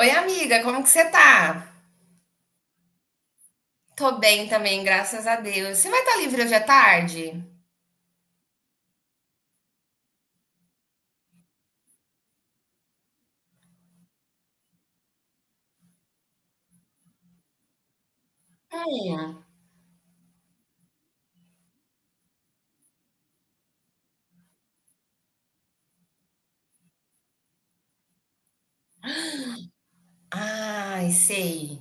Oi, amiga, como que você tá? Tô bem também, graças a Deus. Você vai estar livre hoje à tarde? Hum. Ai, sei.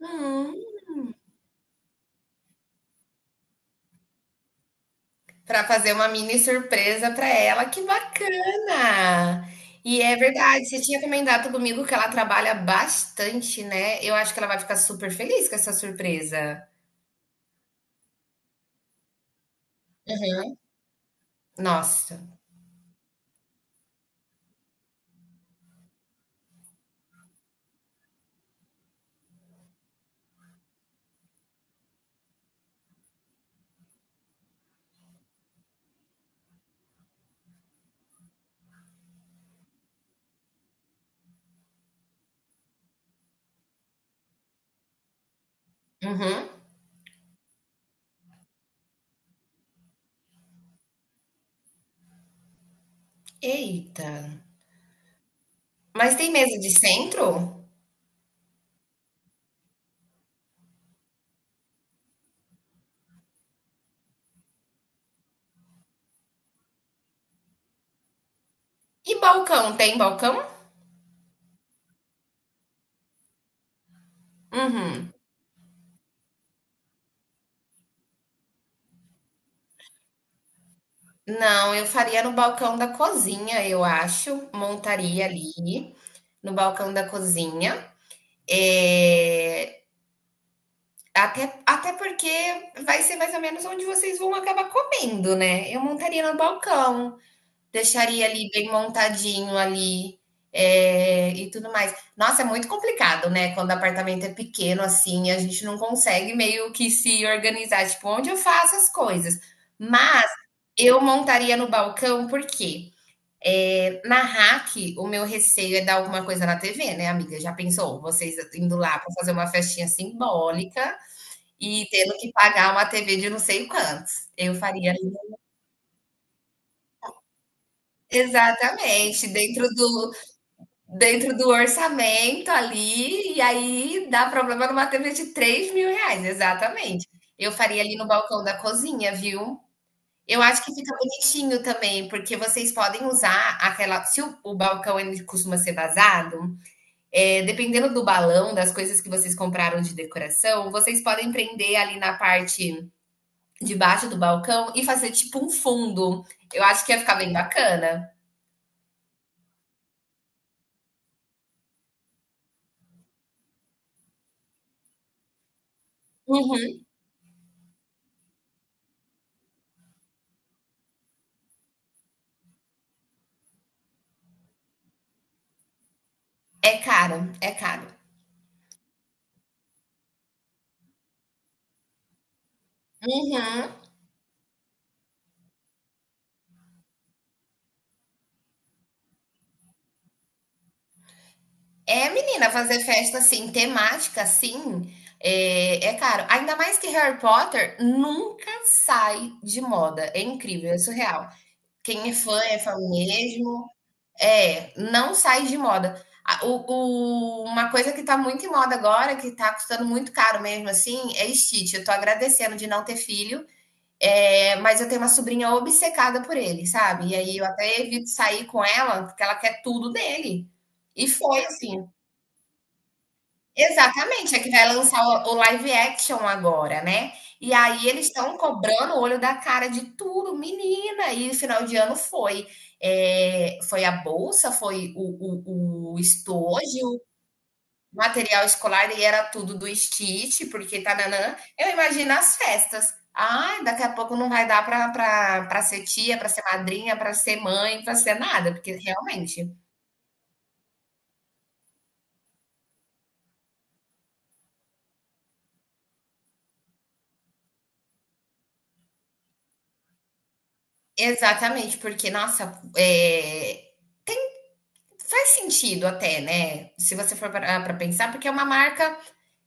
Hum. Pra fazer uma mini surpresa pra ela, que bacana! E é verdade, você tinha comentado comigo que ela trabalha bastante, né? Eu acho que ela vai ficar super feliz com essa surpresa. Nossa. Uhum. Eita. Mas tem mesa de centro? E balcão? Tem balcão? Uhum. Não, eu faria no balcão da cozinha, eu acho. Montaria ali no balcão da cozinha. É, até porque vai ser mais ou menos onde vocês vão acabar comendo, né? Eu montaria no balcão, deixaria ali bem montadinho ali, é, e tudo mais. Nossa, é muito complicado, né? Quando o apartamento é pequeno assim, a gente não consegue meio que se organizar, tipo, onde eu faço as coisas. Mas eu montaria no balcão, por quê? É, Na Hack, o meu receio é dar alguma coisa na TV, né, amiga? Já pensou? Vocês indo lá para fazer uma festinha simbólica e tendo que pagar uma TV de não sei quantos. Eu faria exatamente, dentro do orçamento ali, e aí dá problema numa TV de R$ 3.000, exatamente. Eu faria ali no balcão da cozinha, viu? Eu acho que fica bonitinho também, porque vocês podem usar aquela. Se o balcão ele costuma ser vazado, é, dependendo do balão, das coisas que vocês compraram de decoração, vocês podem prender ali na parte de baixo do balcão e fazer tipo um fundo. Eu acho que ia ficar bem bacana. Uhum. É caro, é caro. Uhum. É, menina, fazer festa assim, temática assim, é caro. Ainda mais que Harry Potter nunca sai de moda. É incrível, é surreal. Quem é fã mesmo. É, não sai de moda. Uma coisa que tá muito em moda agora, que tá custando muito caro mesmo, assim, é Stitch. Eu tô agradecendo de não ter filho, é, mas eu tenho uma sobrinha obcecada por ele, sabe? E aí eu até evito sair com ela, porque ela quer tudo dele. E foi assim. Exatamente, é que vai lançar o live action agora, né. E aí eles estão cobrando o olho da cara de tudo, menina, e final de ano foi a bolsa, foi o estojo, material escolar e era tudo do Stitch, porque tánanã. Eu imagino as festas. Ai, daqui a pouco não vai dar para pra ser tia, para ser madrinha, para ser mãe, para ser nada, porque realmente exatamente, porque nossa, faz sentido até, né? Se você for para pensar, porque é uma marca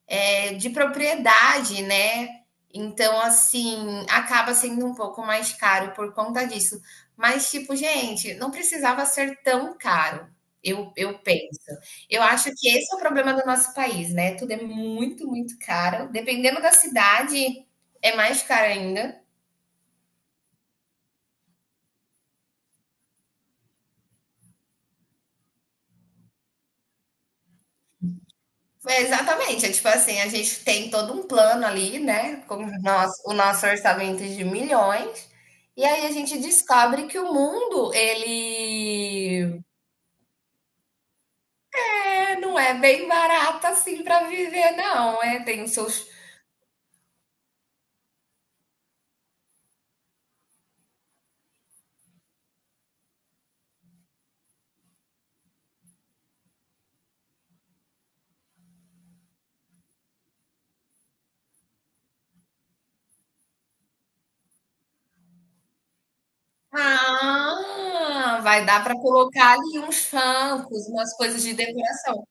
é, de propriedade, né? Então, assim, acaba sendo um pouco mais caro por conta disso. Mas, tipo, gente, não precisava ser tão caro, eu penso. Eu acho que esse é o problema do nosso país, né? Tudo é muito, muito caro. Dependendo da cidade, é mais caro ainda. É, exatamente, é tipo assim, a gente tem todo um plano ali, né, com o nosso orçamento de milhões, e aí a gente descobre que o mundo ele, é, não é bem barato assim para viver não, é, tem os seus ah, vai dar para colocar ali uns francos, umas coisas de decoração.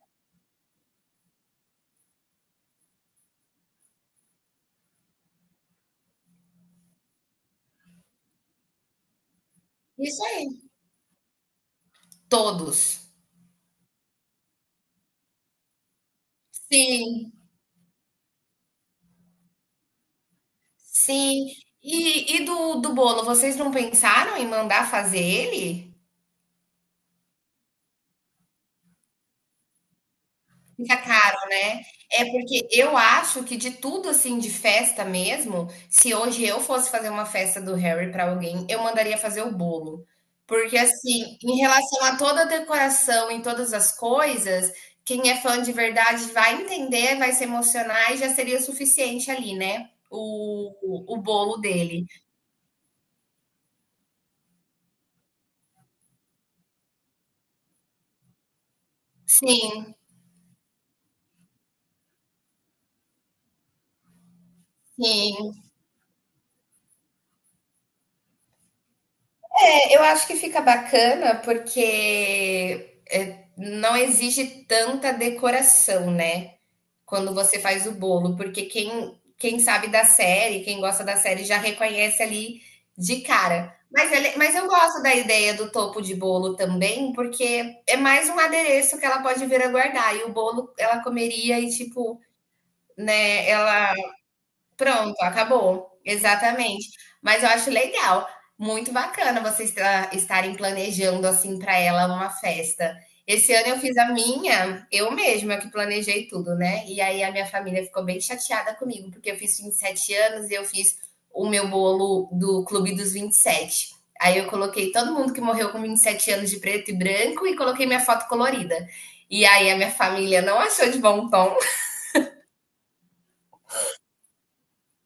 Isso aí, todos. Sim, sim. E do bolo, vocês não pensaram em mandar fazer ele? Fica caro, né? É porque eu acho que de tudo assim de festa mesmo, se hoje eu fosse fazer uma festa do Harry para alguém, eu mandaria fazer o bolo. Porque assim, em relação a toda a decoração, em todas as coisas, quem é fã de verdade vai entender, vai se emocionar e já seria o suficiente ali, né? O bolo dele. Sim, sim. É, eu acho que fica bacana porque é, não exige tanta decoração, né? Quando você faz o bolo, porque quem sabe da série, quem gosta da série, já reconhece ali de cara. Mas eu gosto da ideia do topo de bolo também, porque é mais um adereço que ela pode vir a guardar. E o bolo ela comeria e, tipo, né, ela Pronto, acabou. Exatamente. Mas eu acho legal, muito bacana vocês estarem planejando assim para ela uma festa. Esse ano eu fiz a minha, eu mesma que planejei tudo, né? E aí a minha família ficou bem chateada comigo, porque eu fiz 27 anos e eu fiz o meu bolo do Clube dos Vinte e Sete. Aí eu coloquei todo mundo que morreu com 27 anos de preto e branco e coloquei minha foto colorida. E aí a minha família não achou de bom tom.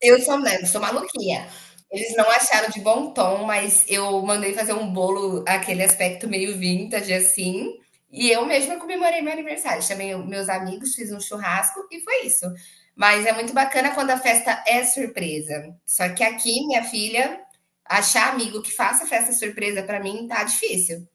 Eu sou mesmo, sou maluquinha. Eles não acharam de bom tom, mas eu mandei fazer um bolo, aquele aspecto meio vintage, assim. E eu mesma comemorei meu aniversário. Chamei meus amigos, fiz um churrasco e foi isso. Mas é muito bacana quando a festa é surpresa. Só que aqui, minha filha, achar amigo que faça festa surpresa pra mim tá difícil.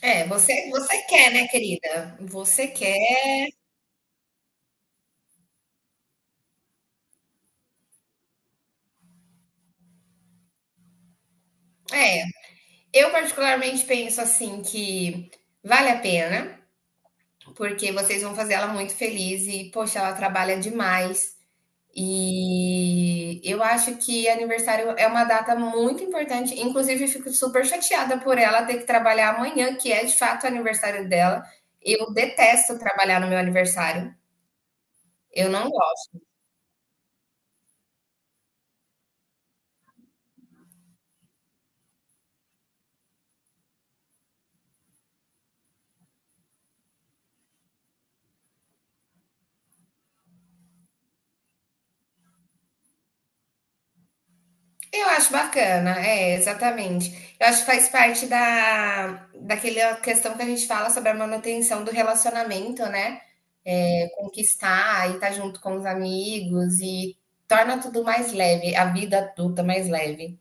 É, você quer, né, querida? Você quer. É, eu particularmente penso assim que vale a pena, porque vocês vão fazer ela muito feliz e, poxa, ela trabalha demais. E eu acho que aniversário é uma data muito importante. Inclusive, fico super chateada por ela ter que trabalhar amanhã, que é de fato o aniversário dela. Eu detesto trabalhar no meu aniversário. Eu não gosto. Eu acho bacana, é, exatamente. Eu acho que faz parte daquela questão que a gente fala sobre a manutenção do relacionamento, né? É, conquistar e estar junto com os amigos e torna tudo mais leve, a vida adulta mais leve.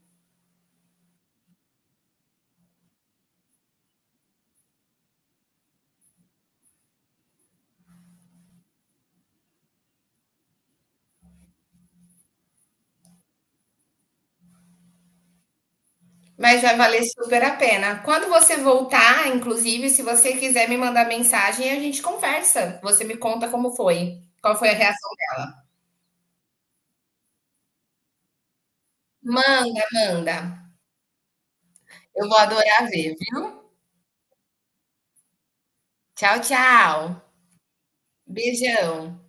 Mas vai valer super a pena. Quando você voltar, inclusive, se você quiser me mandar mensagem, a gente conversa. Você me conta como foi, qual foi a reação dela. Manda, manda. Eu vou adorar ver, viu? Tchau, tchau. Beijão.